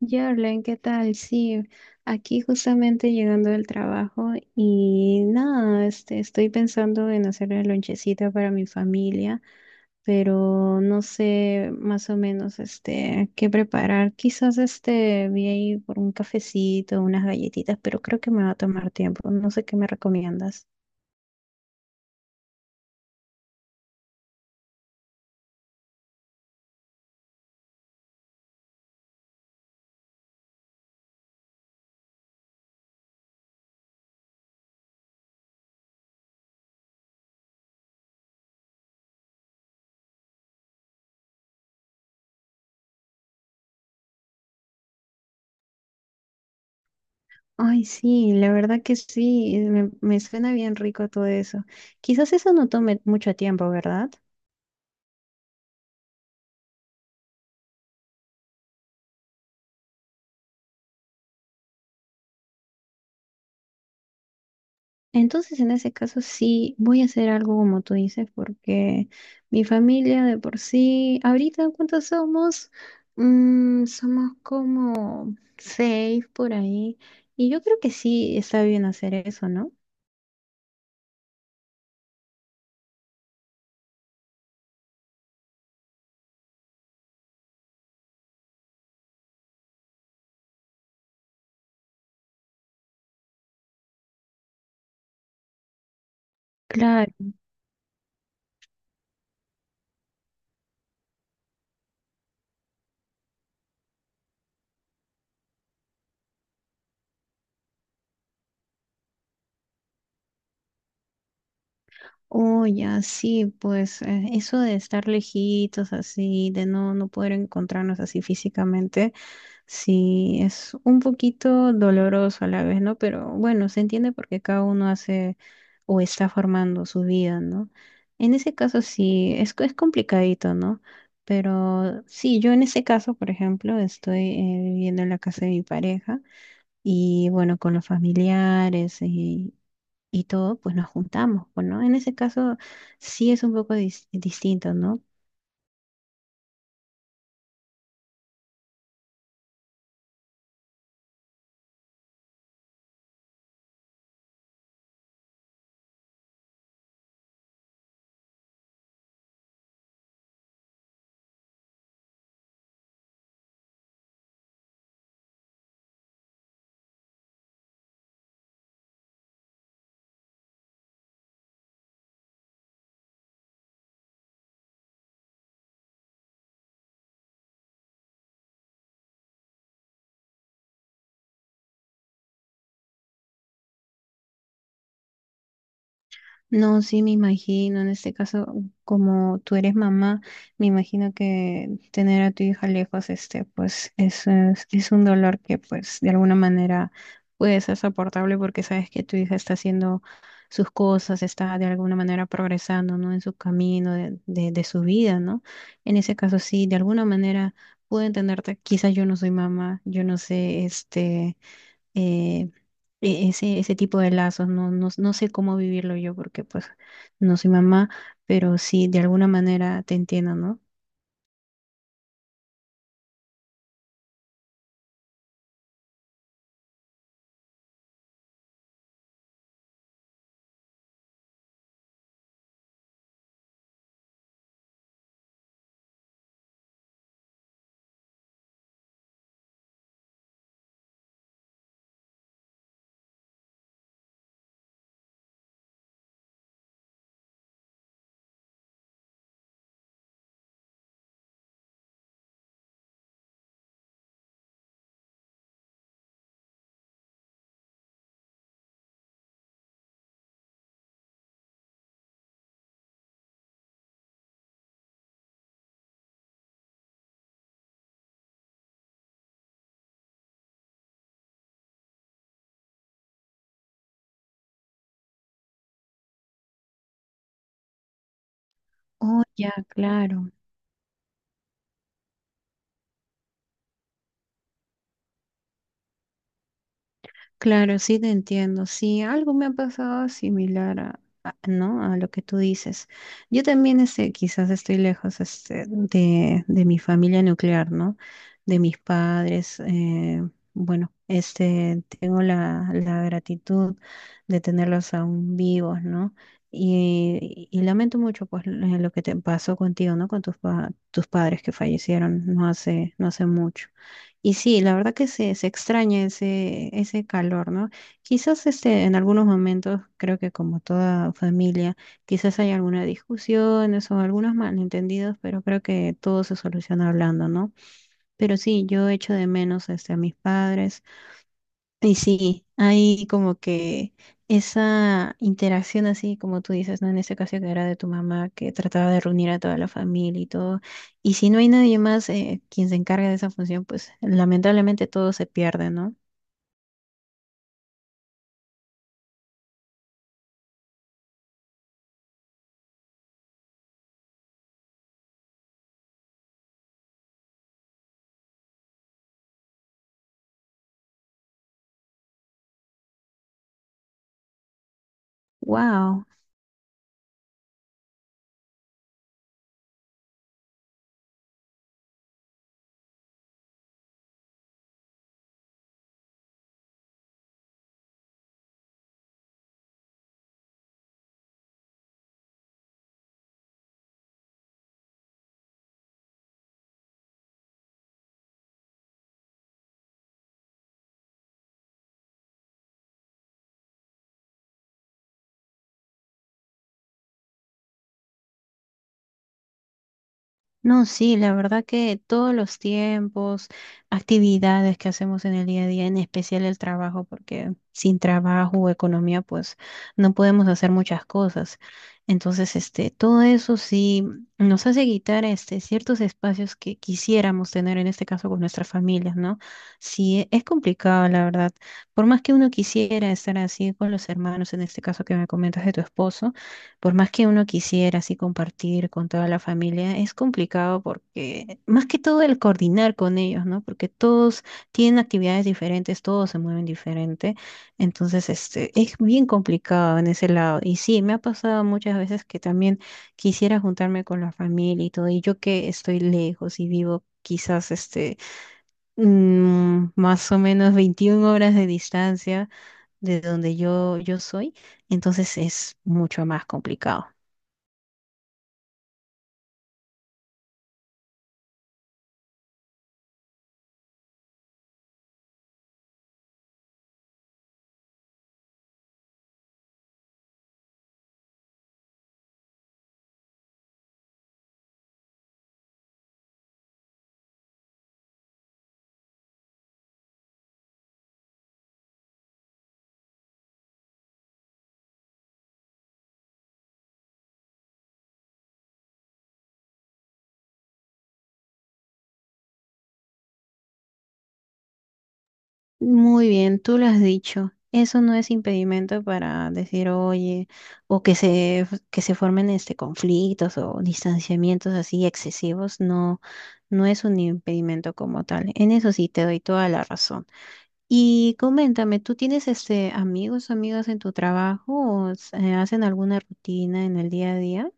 Jorlen, ¿qué tal? Sí, aquí justamente llegando del trabajo y nada, estoy pensando en hacer la lonchecita para mi familia, pero no sé más o menos qué preparar. Quizás vi ahí por un cafecito, unas galletitas, pero creo que me va a tomar tiempo. No sé qué me recomiendas. Ay, sí, la verdad que sí, me suena bien rico todo eso. Quizás eso no tome mucho tiempo, ¿verdad? Entonces, en ese caso, sí, voy a hacer algo como tú dices, porque mi familia de por sí, ahorita, ¿cuántos somos? Mm, somos como seis por ahí. Y yo creo que sí está bien hacer eso, ¿no? Claro, oye, sí, pues eso de estar lejitos así, de no poder encontrarnos así físicamente. Sí, es un poquito doloroso a la vez, ¿no? Pero bueno, se entiende porque cada uno hace o está formando su vida, ¿no? En ese caso sí, es complicadito, ¿no? Pero sí, yo en ese caso, por ejemplo, estoy viviendo en la casa de mi pareja y bueno, con los familiares y todo, pues nos juntamos, pues, ¿no? En ese caso sí es un poco distinto, ¿no? No, sí, me imagino, en este caso, como tú eres mamá, me imagino que tener a tu hija lejos, este, pues, es un dolor que, pues, de alguna manera puede ser soportable porque sabes que tu hija está haciendo sus cosas, está de alguna manera progresando, ¿no? En su camino de su vida, ¿no? En ese caso, sí, de alguna manera puedo entenderte, quizás yo no soy mamá, yo no sé, eh, ese, tipo de lazos. No sé cómo vivirlo yo porque pues no soy mamá, pero sí, de alguna manera te entiendo, ¿no? Oh, ya, claro. Claro, sí te entiendo. Sí, algo me ha pasado similar ¿no? A lo que tú dices. Yo también quizás estoy lejos de mi familia nuclear, ¿no? De mis padres. Tengo la gratitud de tenerlos aún vivos, ¿no? Y lamento mucho pues, lo que te pasó contigo, ¿no? Con tus padres que fallecieron no hace mucho. Y sí, la verdad que se extraña ese calor, ¿no? Quizás en algunos momentos, creo que como toda familia, quizás hay algunas discusiones o algunos malentendidos, pero creo que todo se soluciona hablando, ¿no? Pero sí, yo echo de menos a mis padres, y sí, hay como que esa interacción así, como tú dices, ¿no? En este caso que era de tu mamá, que trataba de reunir a toda la familia y todo. Y si no hay nadie más quien se encargue de esa función, pues lamentablemente todo se pierde, ¿no? ¡Wow! No, sí, la verdad que todos los tiempos, actividades que hacemos en el día a día, en especial el trabajo, porque sin trabajo o economía, pues no podemos hacer muchas cosas. Entonces, todo eso sí nos hace quitar ciertos espacios que quisiéramos tener, en este caso con nuestras familias, ¿no? Sí, es complicado, la verdad. Por más que uno quisiera estar así con los hermanos, en este caso que me comentas de tu esposo. Por más que uno quisiera así compartir con toda la familia, es complicado porque, más que todo el coordinar con ellos, ¿no? Porque todos tienen actividades diferentes, todos se mueven diferente. Entonces, es bien complicado en ese lado. Y sí, me ha pasado muchas veces que también quisiera juntarme con la familia y todo, y yo que estoy lejos y vivo quizás más o menos 21 horas de distancia de donde yo soy, entonces es mucho más complicado. Muy bien, tú lo has dicho. Eso no es impedimento para decir, oye, o que se, que se formen este conflictos o distanciamientos así excesivos, no es un impedimento como tal. En eso sí te doy toda la razón. Y coméntame, ¿tú tienes este amigos, amigas en tu trabajo o hacen alguna rutina en el día a día?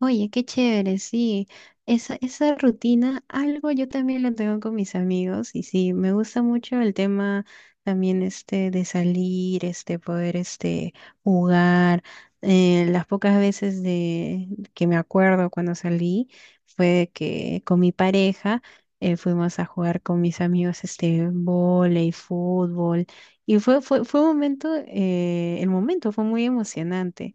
Oye, qué chévere, sí. Esa rutina, algo yo también lo tengo con mis amigos y sí, me gusta mucho el tema también de salir, este poder este jugar. Las pocas veces de que me acuerdo cuando salí fue que con mi pareja fuimos a jugar con mis amigos este vóley, fútbol y fue un momento el momento fue muy emocionante.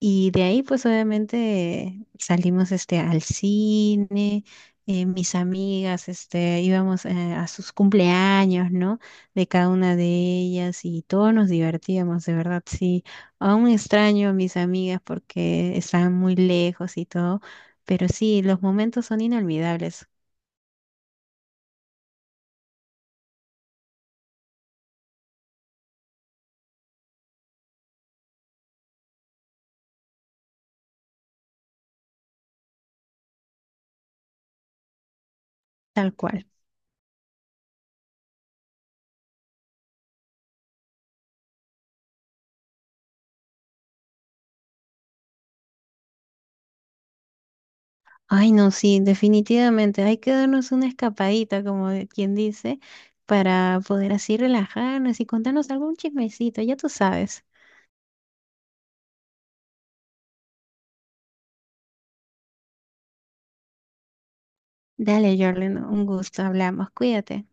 Y de ahí, pues obviamente salimos al cine, mis amigas, íbamos a sus cumpleaños, ¿no? De cada una de ellas y todos nos divertíamos, de verdad, sí. Aún extraño a mis amigas porque estaban muy lejos y todo, pero sí, los momentos son inolvidables, tal cual. Ay, no, sí, definitivamente. Hay que darnos una escapadita, como quien dice, para poder así relajarnos y contarnos algún chismecito, ya tú sabes. Dale, Jorlen, un gusto, hablamos, cuídate.